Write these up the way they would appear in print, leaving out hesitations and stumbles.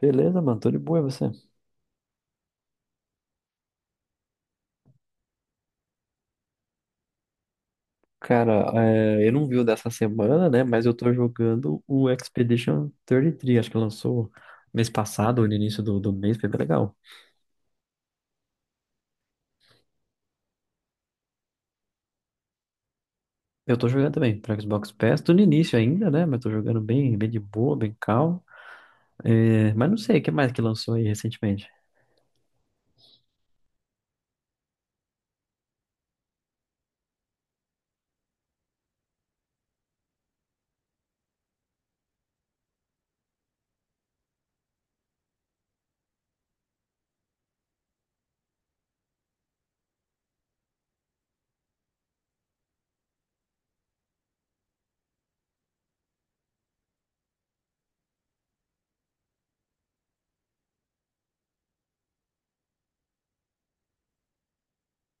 Beleza, mano, tô de boa, e você? Cara, é, eu não vi o dessa semana, né? Mas eu tô jogando o Expedition 33, acho que lançou mês passado ou no início do mês, foi bem legal. Eu tô jogando também pra Xbox Pass, tô no início ainda, né? Mas tô jogando bem, bem de boa, bem calmo. É, mas não sei, o que mais que lançou aí recentemente?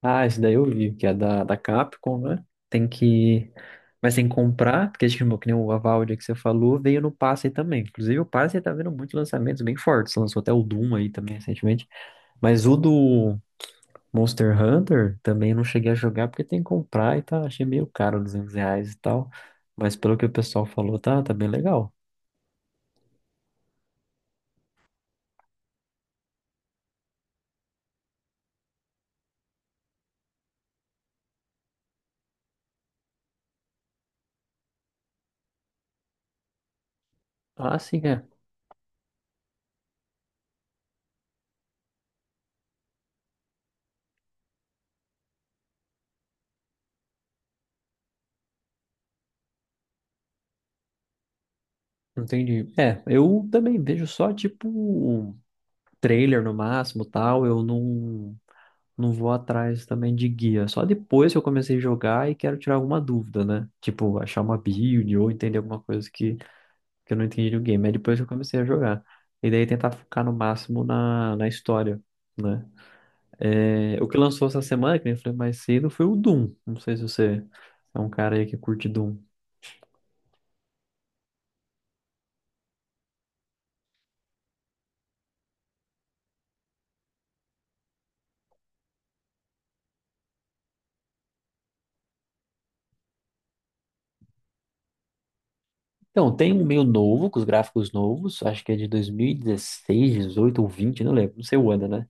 Ah, esse daí eu vi, que é da Capcom, né? Tem que. Mas tem que comprar, porque acho que nem o Avowed que você falou, veio no passe aí também. Inclusive, o passe aí tá vendo muitos lançamentos bem fortes. Lançou até o Doom aí também recentemente. Mas o do Monster Hunter também não cheguei a jogar porque tem que comprar e tá. Achei meio caro, R$ 200 e tal. Mas pelo que o pessoal falou, tá, tá bem legal. Ah, sim, é. Entendi. É, eu também vejo só tipo trailer no máximo, tal. Eu não. Não vou atrás também de guia. Só depois que eu comecei a jogar e quero tirar alguma dúvida, né? Tipo, achar uma build ou entender alguma coisa que eu não entendi no game. É depois que eu comecei a jogar. E daí tentar focar no máximo na história, né? É, o que lançou essa semana, que nem eu falei mais cedo, foi o Doom. Não sei se você é um cara aí que curte Doom. Então, tem um meio novo, com os gráficos novos, acho que é de 2016, 18 ou 20, não lembro, não sei o ano, né?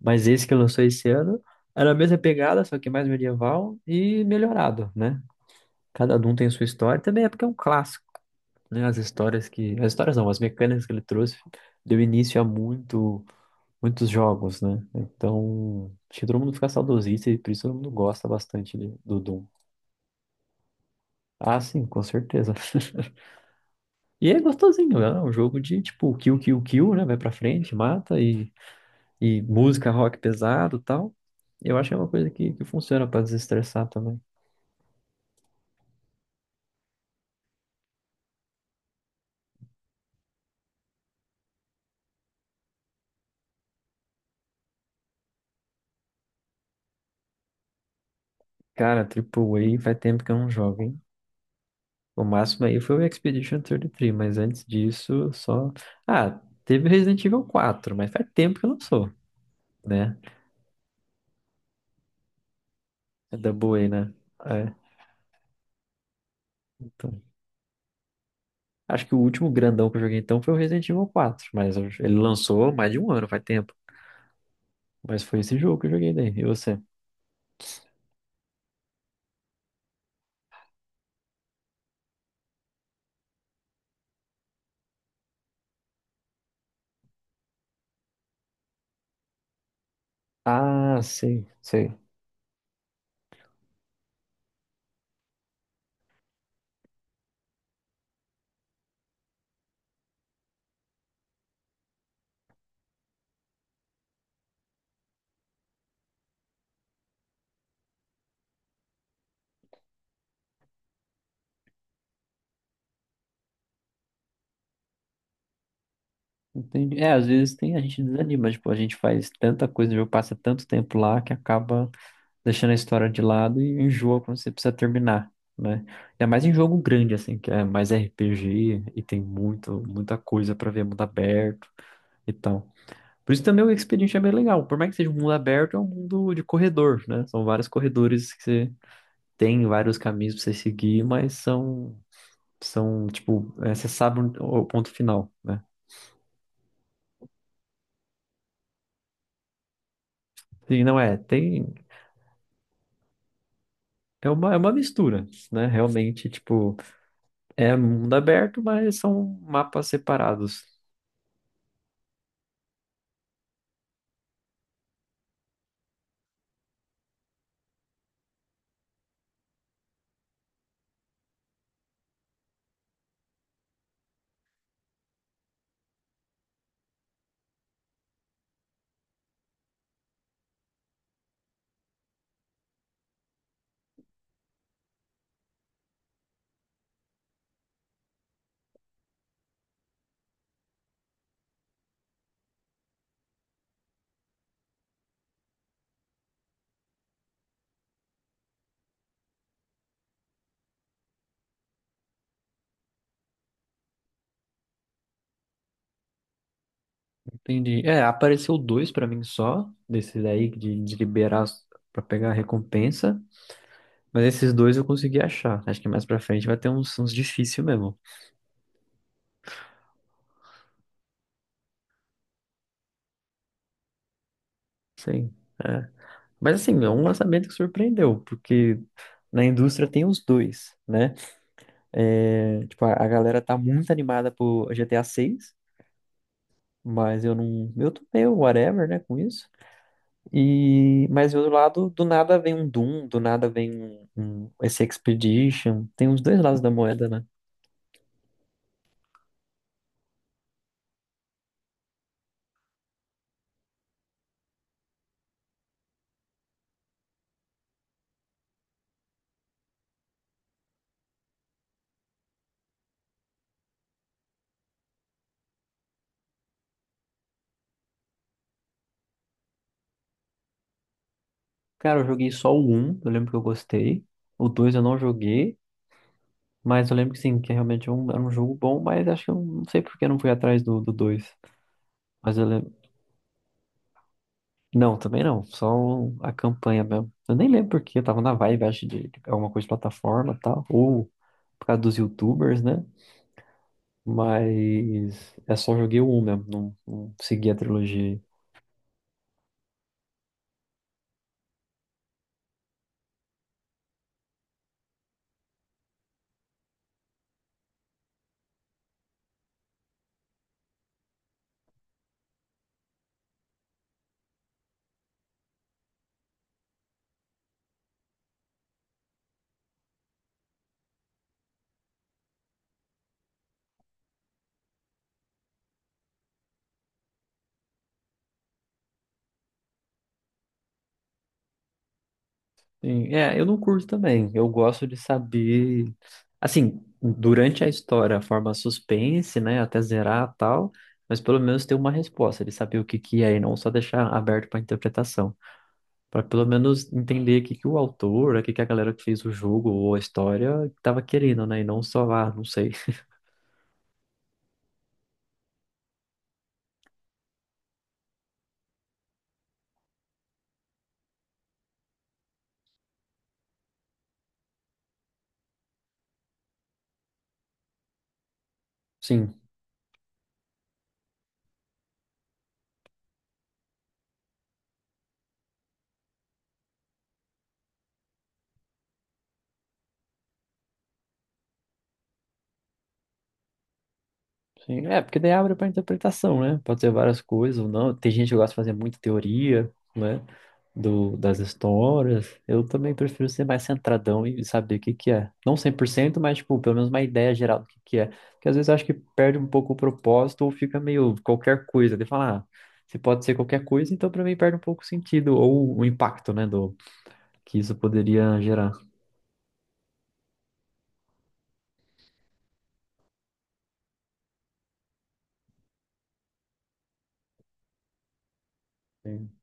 Mas esse que lançou esse ano era a mesma pegada, só que mais medieval e melhorado, né? Cada um tem sua história. Também é porque é um clássico, né? As histórias que... As histórias não, as mecânicas que ele trouxe deu início a muito, muitos jogos, né? Então, acho que todo mundo fica saudosista e por isso todo mundo gosta bastante do Doom. Ah, sim, com certeza. E é gostosinho, né? É um jogo de, tipo, kill, kill, kill, né? Vai pra frente, mata e música rock pesado e tal. Eu acho que é uma coisa que funciona pra desestressar também. Cara, Triple A, faz tempo que eu não jogo, hein? O máximo aí foi o Expedition 33, mas antes disso, só. Ah, teve Resident Evil 4, mas faz tempo que eu não sou, né? É Double A, né? É, então. Acho que o último grandão que eu joguei então foi o Resident Evil 4, mas eu- ele lançou mais de um ano, faz tempo. Mas foi esse jogo que eu joguei daí. E você? Ah, sei, sei. Entendi. É, às vezes tem, a gente desanima, tipo, a gente faz tanta coisa, o jogo passa tanto tempo lá que acaba deixando a história de lado e enjoa quando você precisa terminar, né? Ainda mais em jogo grande, assim, que é mais RPG e tem muito, muita coisa pra ver, mundo aberto e tal. Por isso também o Expedient é bem legal. Por mais que seja um mundo aberto, é um mundo de corredor, né? São vários corredores que você tem, vários caminhos pra você seguir, mas são, tipo, é, você sabe o ponto final, né? Sim, não é, tem... é uma mistura, né? Realmente, tipo, é mundo aberto, mas são mapas separados. Entendi. É, apareceu dois pra mim só, desses aí de liberar pra pegar a recompensa. Mas esses dois eu consegui achar. Acho que mais pra frente vai ter uns difícil mesmo. Sim. É. Mas assim, é um lançamento que surpreendeu, porque na indústria tem os dois, né? É, tipo, a galera tá muito animada por GTA 6, mas eu não. Eu tô meio whatever, né, com isso. E, mas do outro lado, do nada vem um Doom, do nada vem um, um esse Expedition. Tem os dois lados da moeda, né? Cara, eu joguei só o um. Eu lembro que eu gostei. O 2 eu não joguei, mas eu lembro que sim, que realmente é era um jogo bom, mas acho que eu não sei por que eu não fui atrás do 2. Mas eu lembro. Não, também não, só a campanha mesmo. Eu nem lembro porque eu tava na vibe, acho, de alguma coisa de plataforma e tal, ou por causa dos YouTubers, né? Mas é só joguei o 1 mesmo, não, não segui a trilogia. Sim, é, eu não curto também. Eu gosto de saber, assim, durante a história, a forma suspense, né, até zerar e tal, mas pelo menos ter uma resposta, de saber o que que é e não só deixar aberto para interpretação, para pelo menos entender o que que o autor, o que que a galera que fez o jogo ou a história estava querendo, né, e não só, ah, não sei. Sim. Sim, é, porque daí abre para interpretação, né? Pode ser várias coisas ou não. Tem gente que gosta de fazer muita teoria, né, do, das histórias. Eu também prefiro ser mais centradão e saber o que que é. Não 100%, mas, tipo, pelo menos uma ideia geral do que é. Porque às vezes eu acho que perde um pouco o propósito ou fica meio qualquer coisa. De falar, ah, se pode ser qualquer coisa, então pra mim perde um pouco o sentido ou o impacto, né, do que isso poderia gerar. Sim.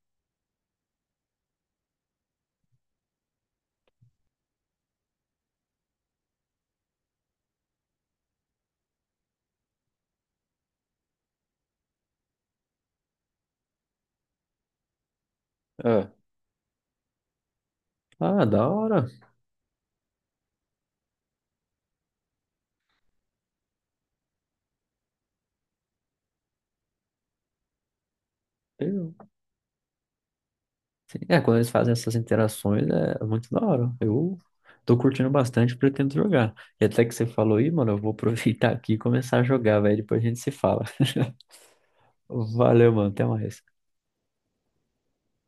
É. Ah, da hora. Sim, é, quando eles fazem essas interações é muito da hora. Eu tô curtindo bastante, pretendo jogar. E até que você falou aí, mano, eu vou aproveitar aqui e começar a jogar, velho. Depois a gente se fala. Valeu, mano. Até mais.